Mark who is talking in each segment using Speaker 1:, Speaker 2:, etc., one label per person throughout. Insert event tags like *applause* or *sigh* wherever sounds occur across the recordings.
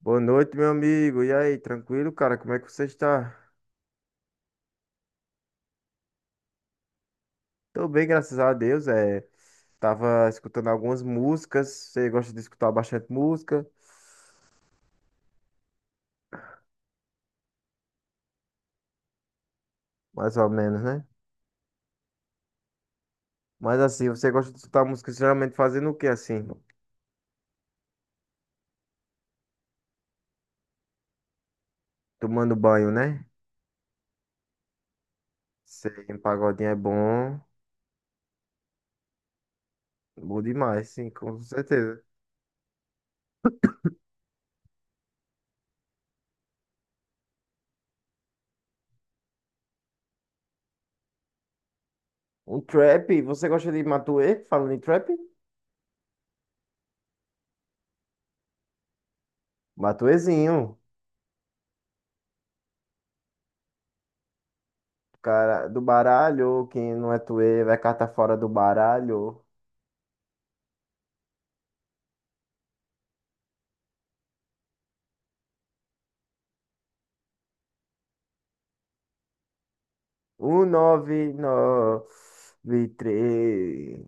Speaker 1: Boa noite, meu amigo. E aí, tranquilo, cara? Como é que você está? Tô bem, graças a Deus. Tava escutando algumas músicas. Você gosta de escutar bastante música, mais ou menos, né? Mas assim, você gosta de escutar música geralmente fazendo o quê, assim? Tomando banho, né? Sei, um pagodinho é bom. Bom demais, sim, com certeza. Um trap, você gosta de Matuê? Falando em trap? Matuezinho, cara do baralho. Quem não é tuê vai carta fora do baralho. Um, nove, nove, três.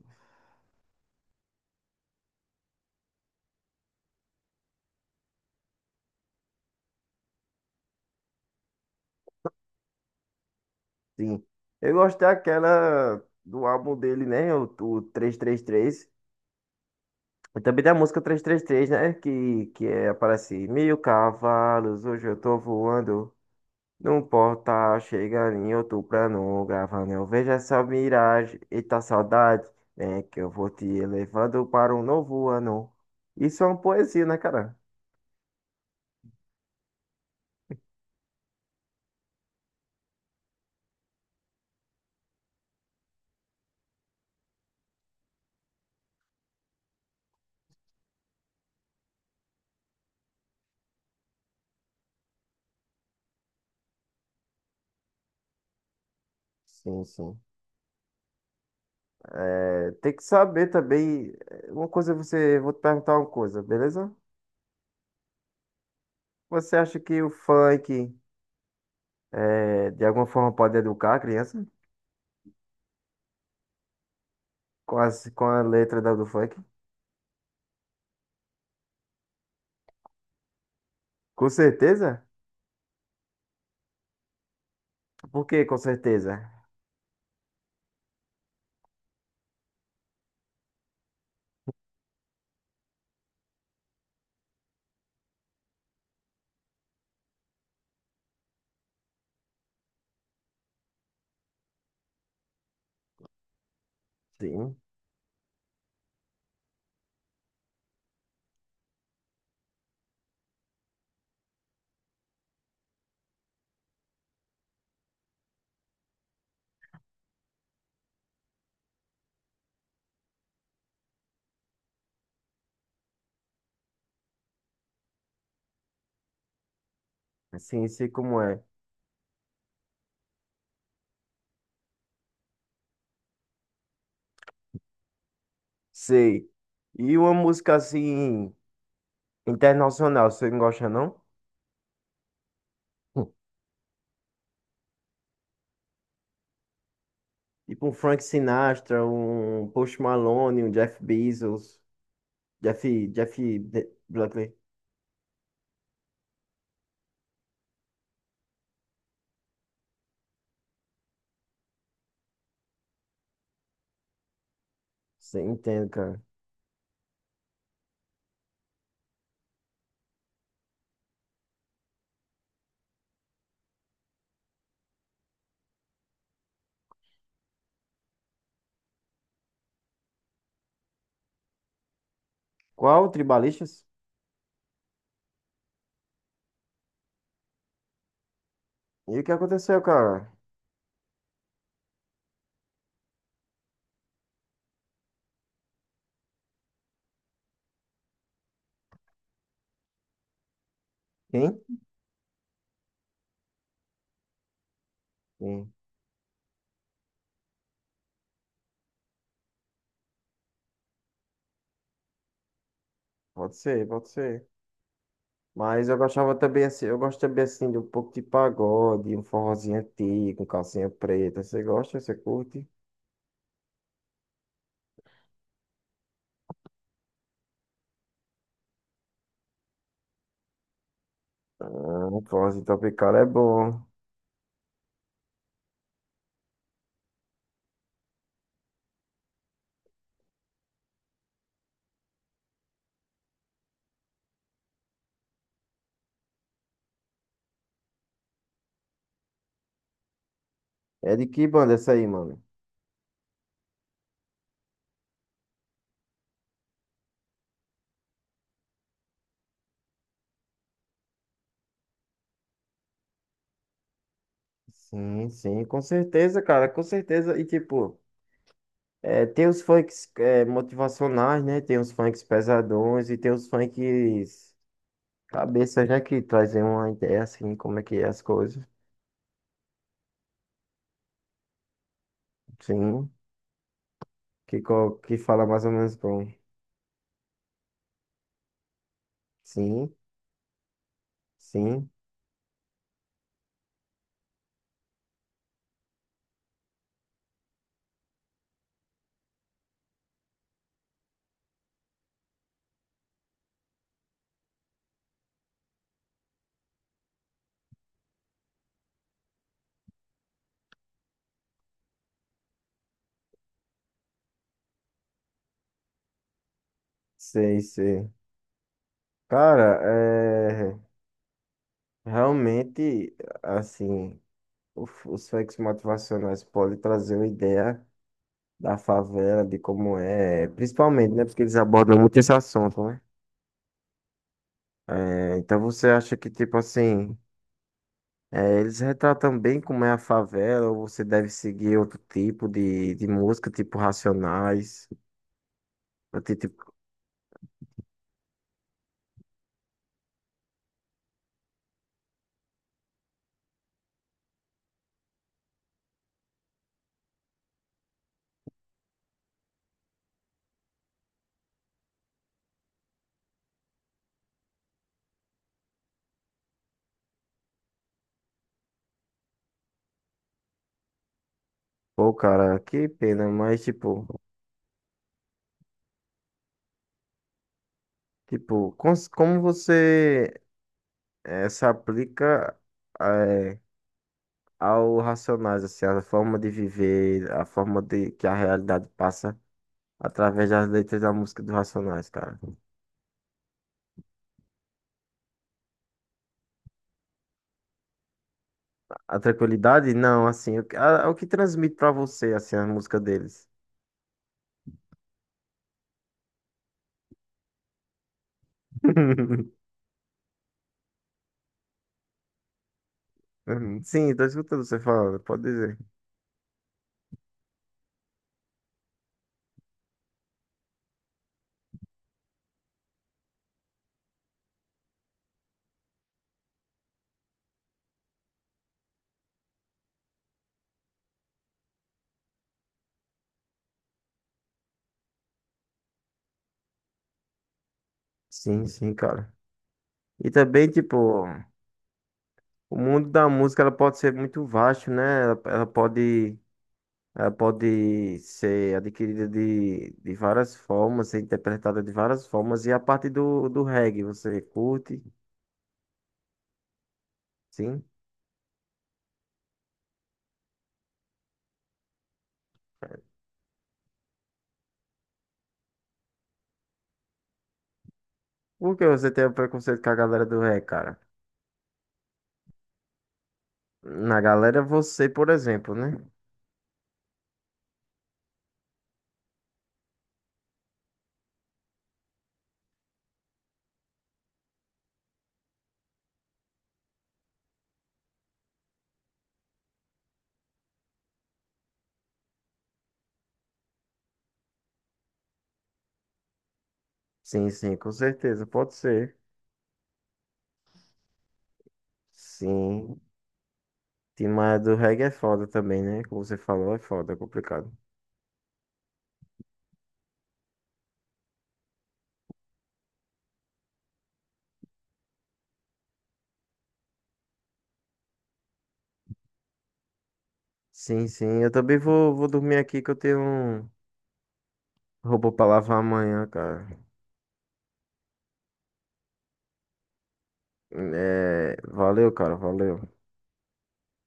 Speaker 1: Sim. Eu gosto daquela do álbum dele, né? O 333. E 33. E também da música 333, né? Que aparece mil cavalos, hoje eu tô voando. Não importa, chega em outono gravando. Eu vejo essa miragem, eita saudade. É que eu vou te levando para um novo ano. Isso é uma poesia, né, cara? Sim, sim. Tem que saber também. Uma coisa é você, vou te perguntar uma coisa, beleza? Você acha que o funk de alguma forma pode educar a criança com a letra do funk? Com certeza? Por que com certeza? Sim, sim, sei como é. Sei. E uma música assim internacional, você não gosta não? *laughs* Hum. Tipo um Frank Sinatra, um Post Malone, um Jeff Bezos, Jeff, Jeff Buckley. Você entende, cara? Qual? Tribalistas? E o que aconteceu, cara? Quem? Quem? Pode ser, pode ser. Mas eu gostava também assim, eu gosto também assim de um pouco de pagode, um forrozinho antigo, um calcinha preta. Você gosta? Você curte? Ah, um forrozinho tropical é bom. É de que banda essa aí, mano? Sim, sim, com certeza, cara, com certeza. E tipo, tem os funks motivacionais, né? Tem os funks pesadões e tem os funks cabeças, né? Que trazem uma ideia assim, como é que é as coisas. Sim. Que fala mais ou menos como. Sim, sim, sei, sei. Cara, realmente, assim, os fakes motivacionais podem trazer uma ideia da favela, de como é, principalmente, né? Porque eles abordam muito esse assunto, né? Então você acha que, tipo assim, eles retratam bem como é a favela, ou você deve seguir outro tipo de música, tipo Racionais? Tipo, pô, cara, que pena, mas, tipo. Tipo, como você se aplica eh, ao Racionais, assim, a forma de viver, a forma de que a realidade passa através das letras da música dos Racionais, cara? A tranquilidade? Não, assim, o que, o que transmite pra você, assim, a música deles? *laughs* Uhum. Sim, tô escutando você falando, pode dizer. Sim, sim, cara. E também, tipo, o mundo da música, ela pode ser muito vasto, né? Ela pode ser adquirida de várias formas, ser interpretada de várias formas. E a parte do reggae, você curte? Sim. Por que você tem o preconceito com a galera do reggae, cara? Na galera, você, por exemplo, né? Sim, sim, com certeza, pode ser. Sim. Tim Maia do reggae é foda também, né? Como você falou, é foda, é complicado. Sim, sim. Eu também vou dormir aqui que eu tenho um robô pra lavar amanhã, cara. Valeu, cara, valeu.